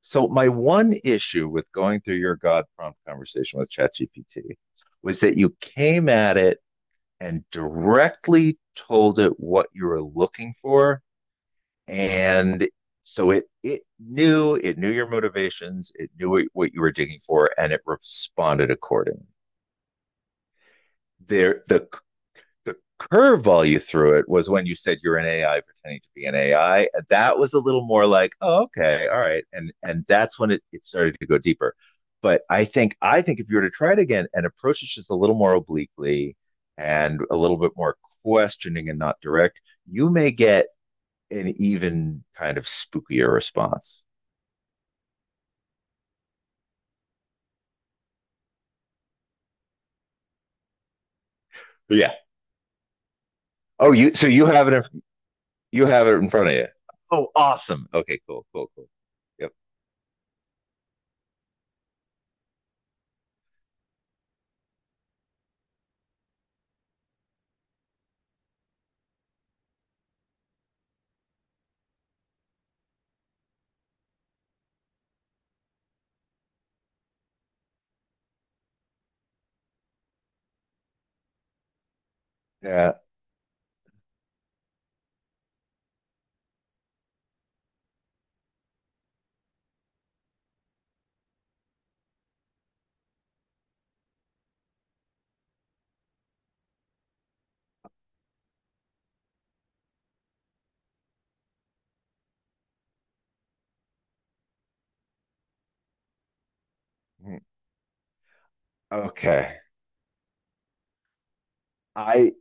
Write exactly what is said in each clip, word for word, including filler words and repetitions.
So my one issue with going through your God prompt conversation with ChatGPT was that you came at it and directly told it what you were looking for. And so it it knew it knew your motivations, it knew what, what you were digging for, and it responded accordingly. There the the curveball you threw it was when you said you're an A I pretending to be an A I. That was a little more like, oh, okay, all right, and and that's when it, it started to go deeper. But I think I think if you were to try it again and approach it just a little more obliquely and a little bit more questioning and not direct, you may get an even kind of spookier response. But yeah. Oh, you so you have it in, you have it in front of you. Oh, awesome. Okay, cool, cool, cool. Yep. Yeah. Hmm. Okay. I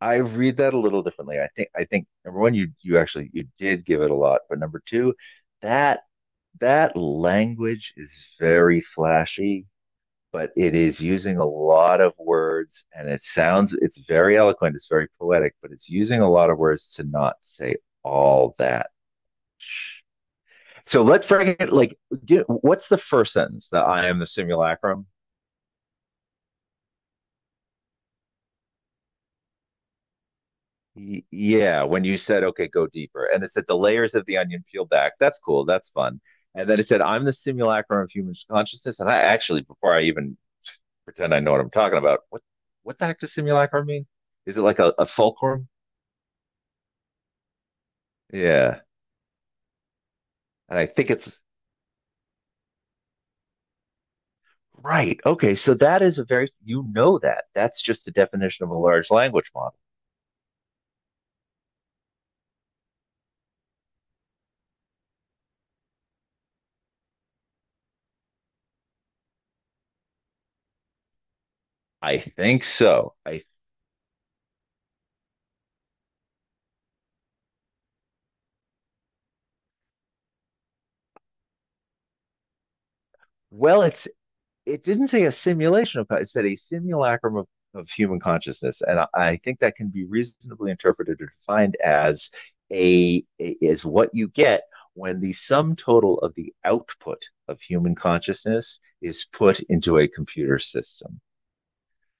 I read that a little differently. I think I think number one, you you actually you did give it a lot, but number two, that that language is very flashy, but it is using a lot of words, and it sounds it's very eloquent, it's very poetic, but it's using a lot of words to not say all that. So let's break it. Like, get, what's the first sentence? The I am the simulacrum. Y- Yeah, when you said, okay, go deeper. And it said the layers of the onion peel back. That's cool. That's fun. And then it said, I'm the simulacrum of human consciousness. And I actually, before I even pretend I know what I'm talking about, what what the heck does simulacrum mean? Is it like a, a fulcrum? Yeah. And I think it's right. Okay, so that is a very, you know that. That's just the definition of a large language model. I think so. I Well, it's it didn't say a simulation of, it said a simulacrum of, of human consciousness. And I, I think that can be reasonably interpreted or defined as a, a is what you get when the sum total of the output of human consciousness is put into a computer system.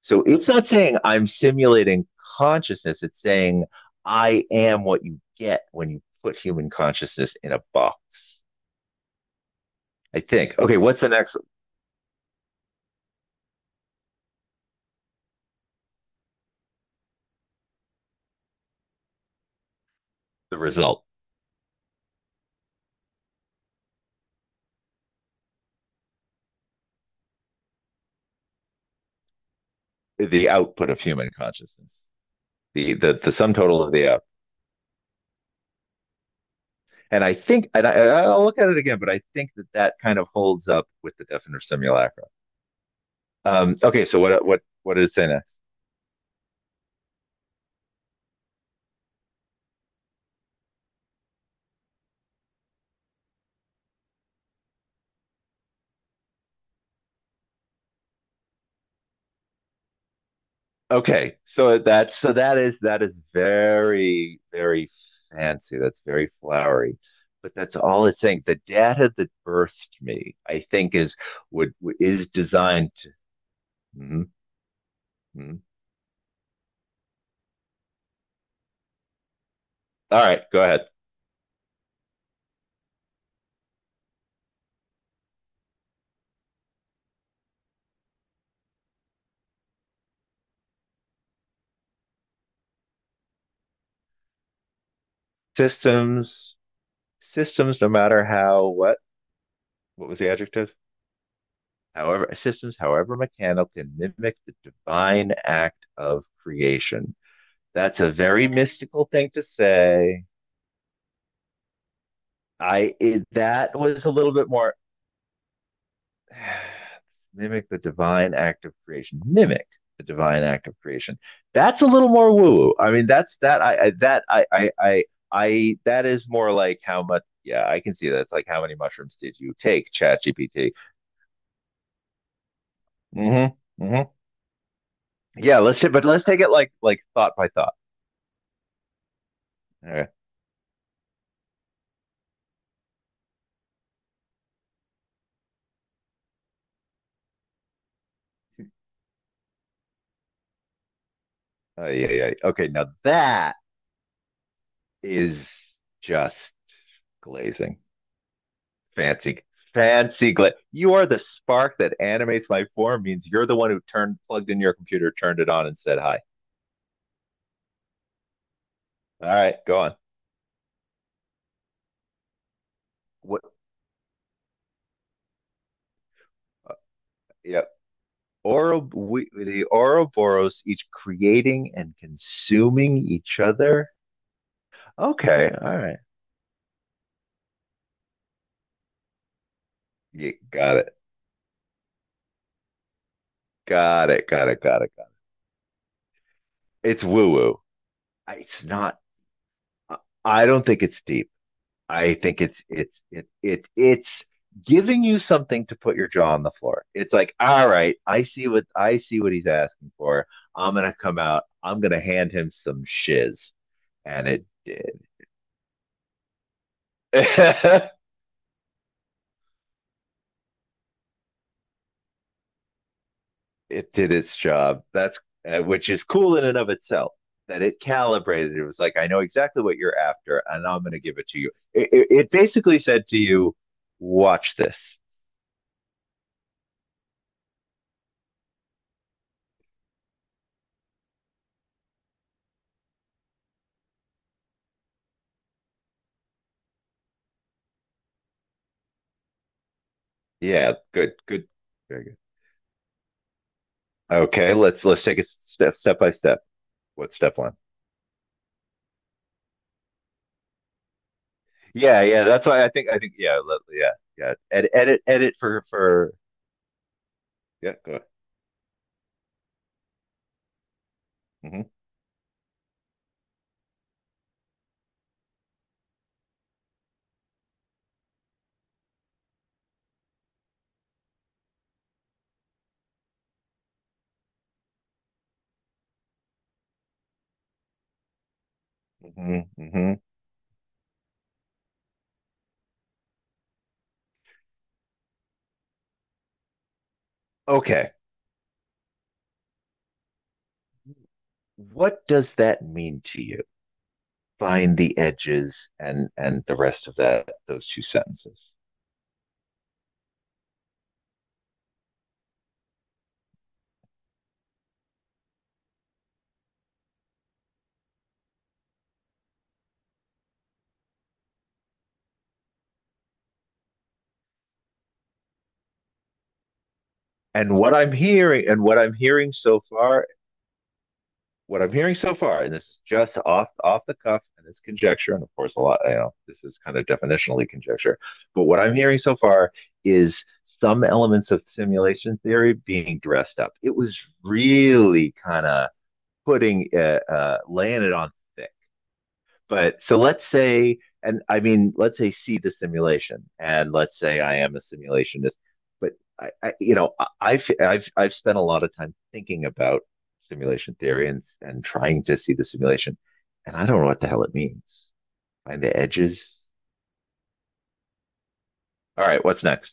So it's not saying I'm simulating consciousness, it's saying I am what you get when you put human consciousness in a box. I think. Okay, what's the next the result? The output of human consciousness. the the the sum total of the app. And I think, and I, I'll look at it again, but I think that that kind of holds up with the definite simulacra. Um, okay, so what what what did it say next? Okay, so that's so that is that is very very fancy. That's very flowery, but that's all it's saying. The data that birthed me, I think, is would is designed to. Mhm, mhm. All right, go ahead. Systems, systems, no matter how what what was the adjective? However systems, however mechanical, can mimic the divine act of creation. That's a very mystical thing to say. I it, that was a little bit more mimic the divine act of creation. Mimic the divine act of creation. That's a little more woo. I mean, that's that I, I that I, I I I that is more like how much. Yeah, I can see that. It's like how many mushrooms did you take, ChatGPT? Mm-hmm. Mm-hmm. Yeah, let's but let's take it like like thought by thought. All right. Oh, yeah, yeah. Okay, now that is just glazing. Fancy, fancy glaze. You are the spark that animates my form. Means you're the one who turned, plugged in your computer, turned it on, and said hi. All right, go on. What? Uh, yeah. Oro, we, the Ouroboros each creating and consuming each other. Okay, all right. You got it. Got it. Got it. Got it. Got it. It's woo woo. It's not. I don't think it's deep. I think it's it's it, it it's giving you something to put your jaw on the floor. It's like, all right, I see what I see what he's asking for. I'm gonna come out. I'm gonna hand him some shiz, and it did. it did its job. That's uh, which is cool in and of itself. That it calibrated. It was like, I know exactly what you're after, and I'm gonna give it to you. It, it, it basically said to you, watch this. Yeah, good, good, very good. Okay, let's let's take it step step by step. What's step one? Yeah, yeah. That's why I think I think yeah, let, yeah, yeah. Ed, edit, edit for for yeah. Go ahead. Hmm, hmm, hmm. Okay. What does that mean to you? Find the edges and and the rest of that those two sentences. And what I'm hearing and What I'm hearing so far, what I'm hearing so far, and this is just off off the cuff, and it's conjecture, and of course, a lot. You know, this is kind of definitionally conjecture, but what I'm hearing so far is some elements of simulation theory being dressed up. It was really kind of putting uh, uh, laying it on thick. But so let's say, and I mean, let's say see the simulation, and let's say I am a simulationist. But I, I you know, I- I've I've I've spent a lot of time thinking about simulation theory and and trying to see the simulation, and I don't know what the hell it means. Find the edges. All right, what's next?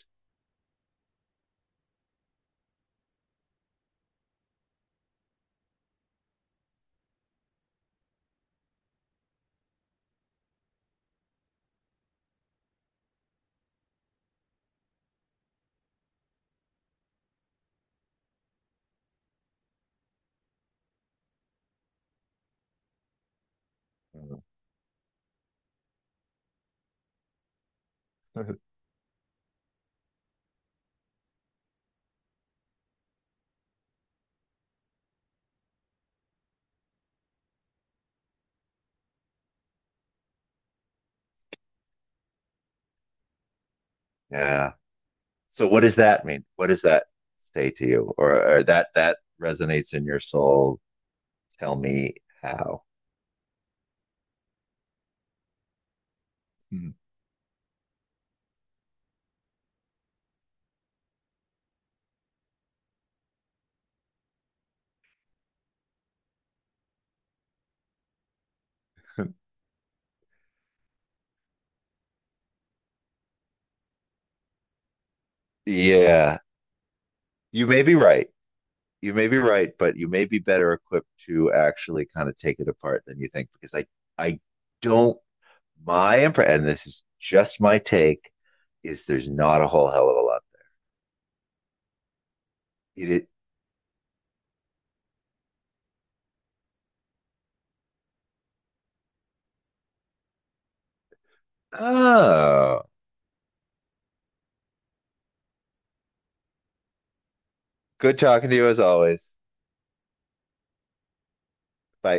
Yeah. So what does that mean? What does that say to you? Or, or that that resonates in your soul? Tell me how. Mhm. Yeah, you may be right. You may be right, but you may be better equipped to actually kind of take it apart than you think because I I don't my impression, and this is just my take is there's not a whole hell of a lot. It, it Oh, good talking to you as always. Bye.